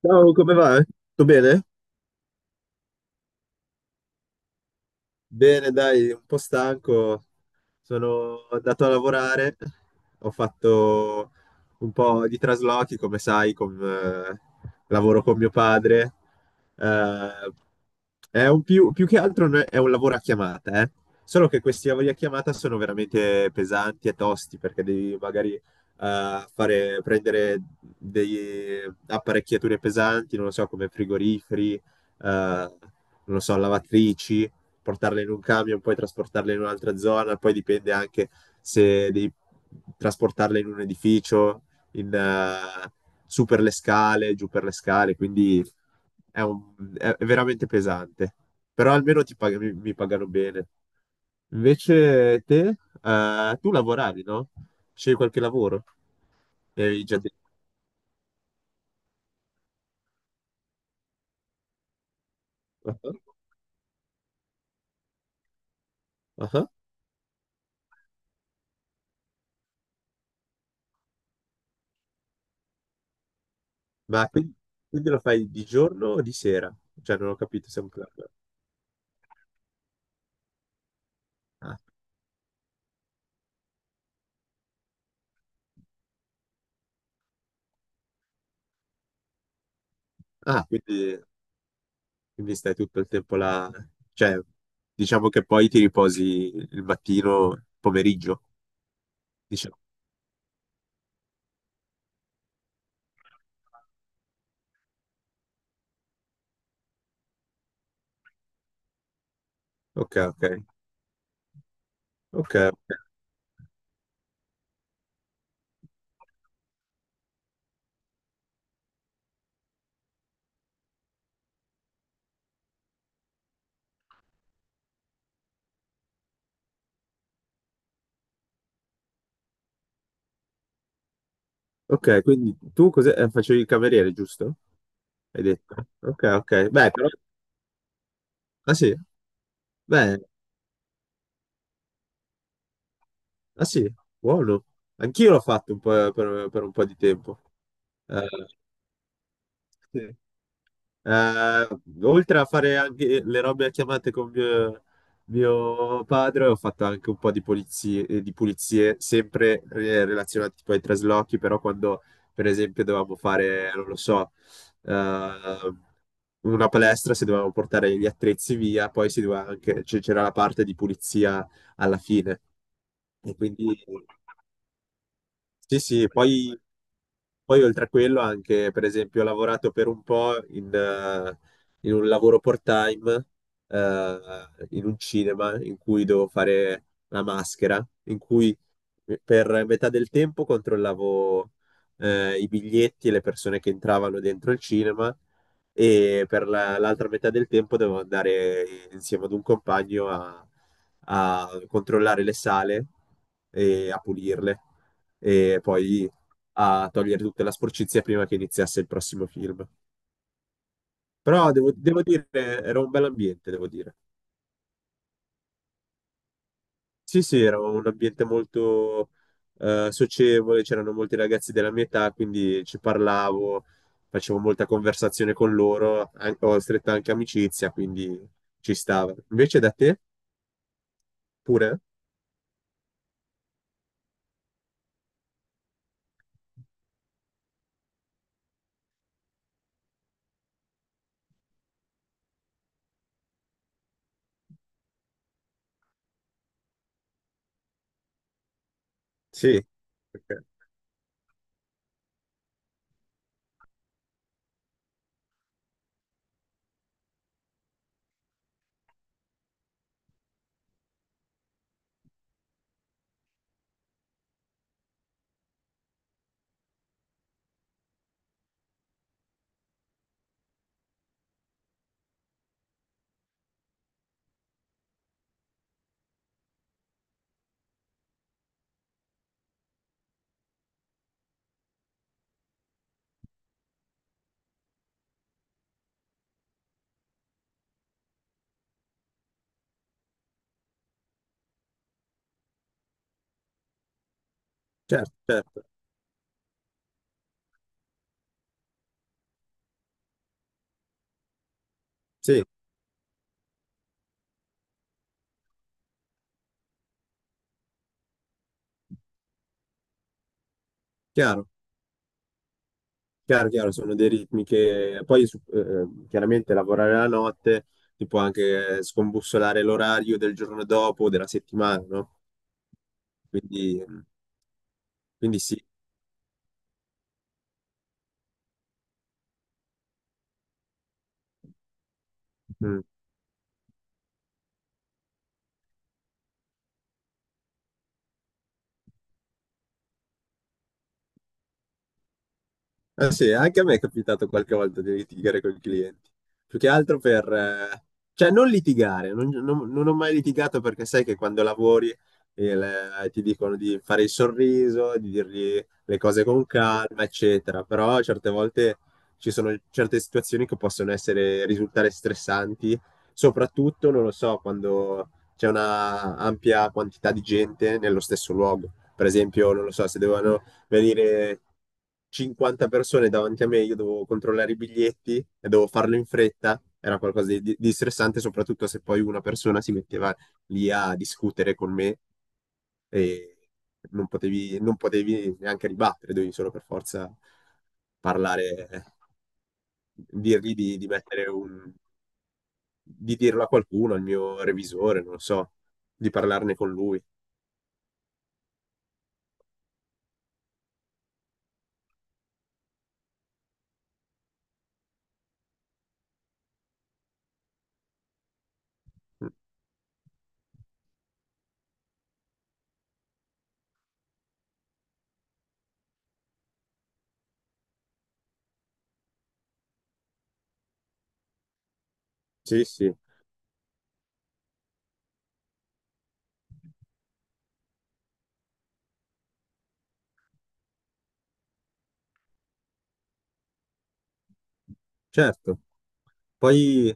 Ciao, come va? Tutto bene? Bene, dai, un po' stanco. Sono andato a lavorare, ho fatto un po' di traslochi, come sai, con, lavoro con mio padre. Eh, è un più che altro è un lavoro a chiamata, eh. Solo che questi lavori a chiamata sono veramente pesanti e tosti perché devi magari fare, prendere delle apparecchiature pesanti, non lo so, come frigoriferi, non lo so, lavatrici portarle in un camion, poi trasportarle in un'altra zona, poi dipende anche se devi trasportarle in un edificio, in, su per le scale, giù per le scale, quindi è veramente pesante. Però almeno ti mi pagano bene. Invece te, tu lavoravi, no? Scegli qualche lavoro? Mi avevi già detto. Ah, ah. Ma quindi, lo fai di giorno o di sera? Cioè, non ho capito se è un club. Ah, ah, quindi. Quindi stai tutto il tempo là, cioè diciamo che poi ti riposi il mattino, pomeriggio, diciamo. Ok, ok, ok, ok. Ok, quindi tu cos'è? Facevi il cameriere, giusto? Hai detto. Ok, ok. Beh, però... Ah sì, beh, ah sì, buono. Anch'io l'ho fatto un po' per un po' di tempo. Eh, sì. Eh, oltre a fare anche le robe a chiamate con mio padre, ho fatto anche un po' di pulizie sempre relazionate tipo ai traslochi, però quando per esempio dovevamo fare, non lo so, eh, una palestra, se dovevamo portare gli attrezzi via, poi si doveva anche, c'era la parte di pulizia alla fine. E quindi sì, sì, poi, poi oltre a quello anche, per esempio, ho lavorato per un po' in, in un lavoro part-time, in un cinema in cui dovevo fare la maschera, in cui per metà del tempo controllavo i biglietti e le persone che entravano dentro il cinema e per l'altra metà del tempo dovevo andare insieme ad un compagno a controllare le sale e a pulirle e poi a togliere tutta la sporcizia prima che iniziasse il prossimo film. Però devo dire, era un bel ambiente, devo dire. Sì, sì, era un ambiente molto socievole, c'erano molti ragazzi della mia età, quindi ci parlavo, facevo molta conversazione con loro, ho stretta anche amicizia, quindi ci stava. Invece da te? Pure? Sì, ok. Certo, certo. Sì, chiaro, chiaro, chiaro, sono dei ritmi che poi chiaramente lavorare la notte ti può anche scombussolare l'orario del giorno dopo, della settimana, no? Quindi, quindi, sì. Mm. Ah, sì, anche a me è capitato qualche volta di litigare con i clienti. Più che altro per... cioè, non litigare, non ho mai litigato perché sai che quando lavori il- ti dicono di fare il sorriso, di dirgli le cose con calma, eccetera. Però certe volte ci sono certe situazioni che possono essere, risultare stressanti, soprattutto, non lo so, quando c'è una ampia quantità di gente nello stesso luogo. Per esempio, non lo so, se devono venire 50 persone davanti a me, io dovevo controllare i biglietti e dovevo farlo in fretta, era qualcosa di stressante, soprattutto se poi una persona si metteva lì a discutere con me e non potevi neanche ribattere, dovevi solo per forza parlare, dirgli di mettere un, di dirlo a qualcuno, al mio revisore, non lo so, di parlarne con lui. Sì, sì, certo. Poi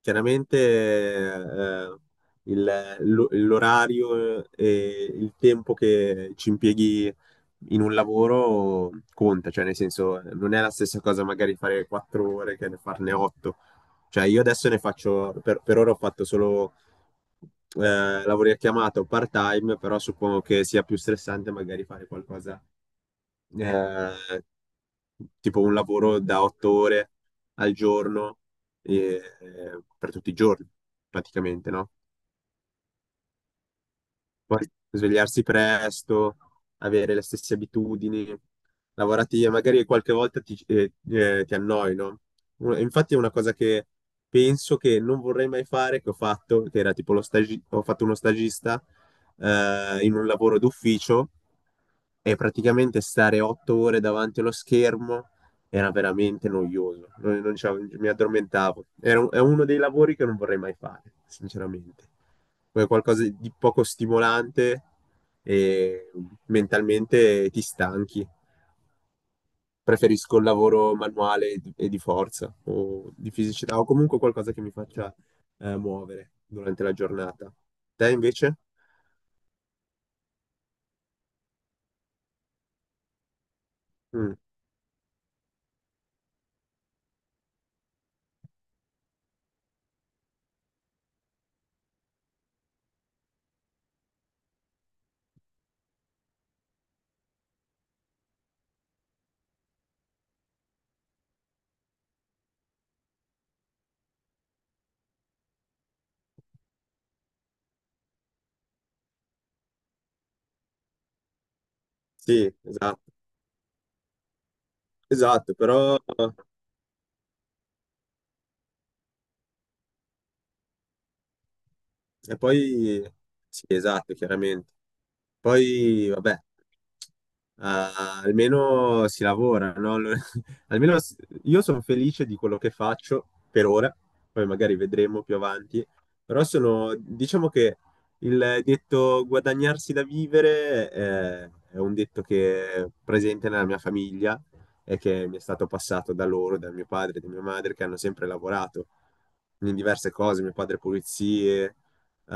chiaramente l'orario e il tempo che ci impieghi in un lavoro conta, cioè nel senso non è la stessa cosa magari fare quattro ore che farne otto. Cioè io adesso ne faccio, per ora ho fatto solo lavori a chiamata o part-time, però suppongo che sia più stressante magari fare qualcosa eh, tipo un lavoro da otto ore al giorno eh, per tutti i giorni, praticamente, no? Poi svegliarsi presto, avere le stesse abitudini lavorative, magari qualche volta ti annoi, no? Infatti è una cosa che penso che non vorrei mai fare, che ho fatto, che era tipo ho fatto uno stagista in un lavoro d'ufficio e praticamente stare otto ore davanti allo schermo era veramente noioso. Non mi addormentavo. È uno dei lavori che non vorrei mai fare, sinceramente. È qualcosa di poco stimolante e mentalmente ti stanchi. Preferisco il lavoro manuale e di forza o di fisicità o comunque qualcosa che mi faccia muovere durante la giornata. Te invece? Mm, sì, esatto, esatto, però. E poi, sì, esatto, chiaramente. Poi, vabbè, ah, almeno si lavora, no? Allora, Almeno s- io sono felice di quello che faccio per ora, poi magari vedremo più avanti, però sono, diciamo che il detto guadagnarsi da vivere è un detto che è presente nella mia famiglia e che mi è stato passato da loro, da mio padre e da mia madre, che hanno sempre lavorato in diverse cose, mio padre pulizie,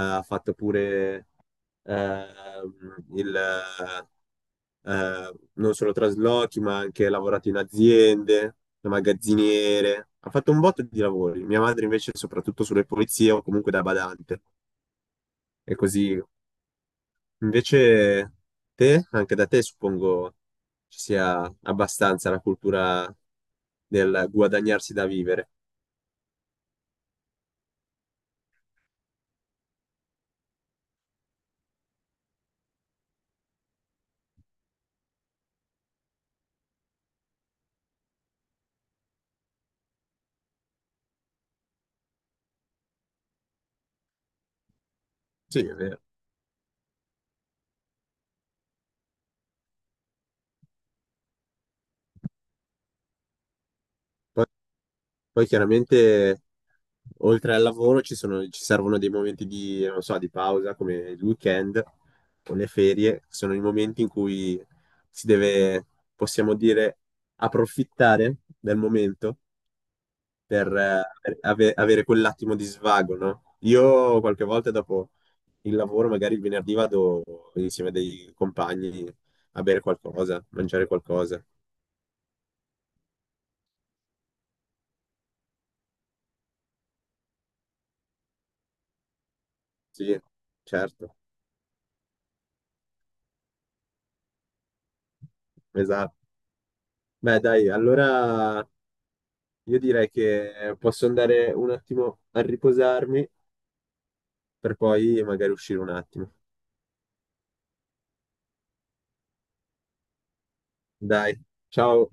ha fatto pure ehm, il, non solo traslochi, ma ha anche lavorato in aziende, da magazziniere. Ha fatto un botto di lavori. Mia madre invece soprattutto sulle pulizie o comunque da badante. E così. Invece te, anche da te suppongo ci sia abbastanza la cultura del guadagnarsi da vivere. Sì, è vero. Poi chiaramente oltre al lavoro ci sono- ci servono dei momenti di, non so, di pausa come il weekend o le ferie, sono i momenti in cui si deve, possiamo dire, approfittare del momento per avere quell'attimo di svago, no? Io qualche volta dopo il lavoro, magari il venerdì vado insieme a dei compagni a bere qualcosa, mangiare qualcosa. Sì, certo. Esatto. Beh, dai, allora io direi che posso andare un attimo a riposarmi per poi magari uscire un attimo. Dai, ciao.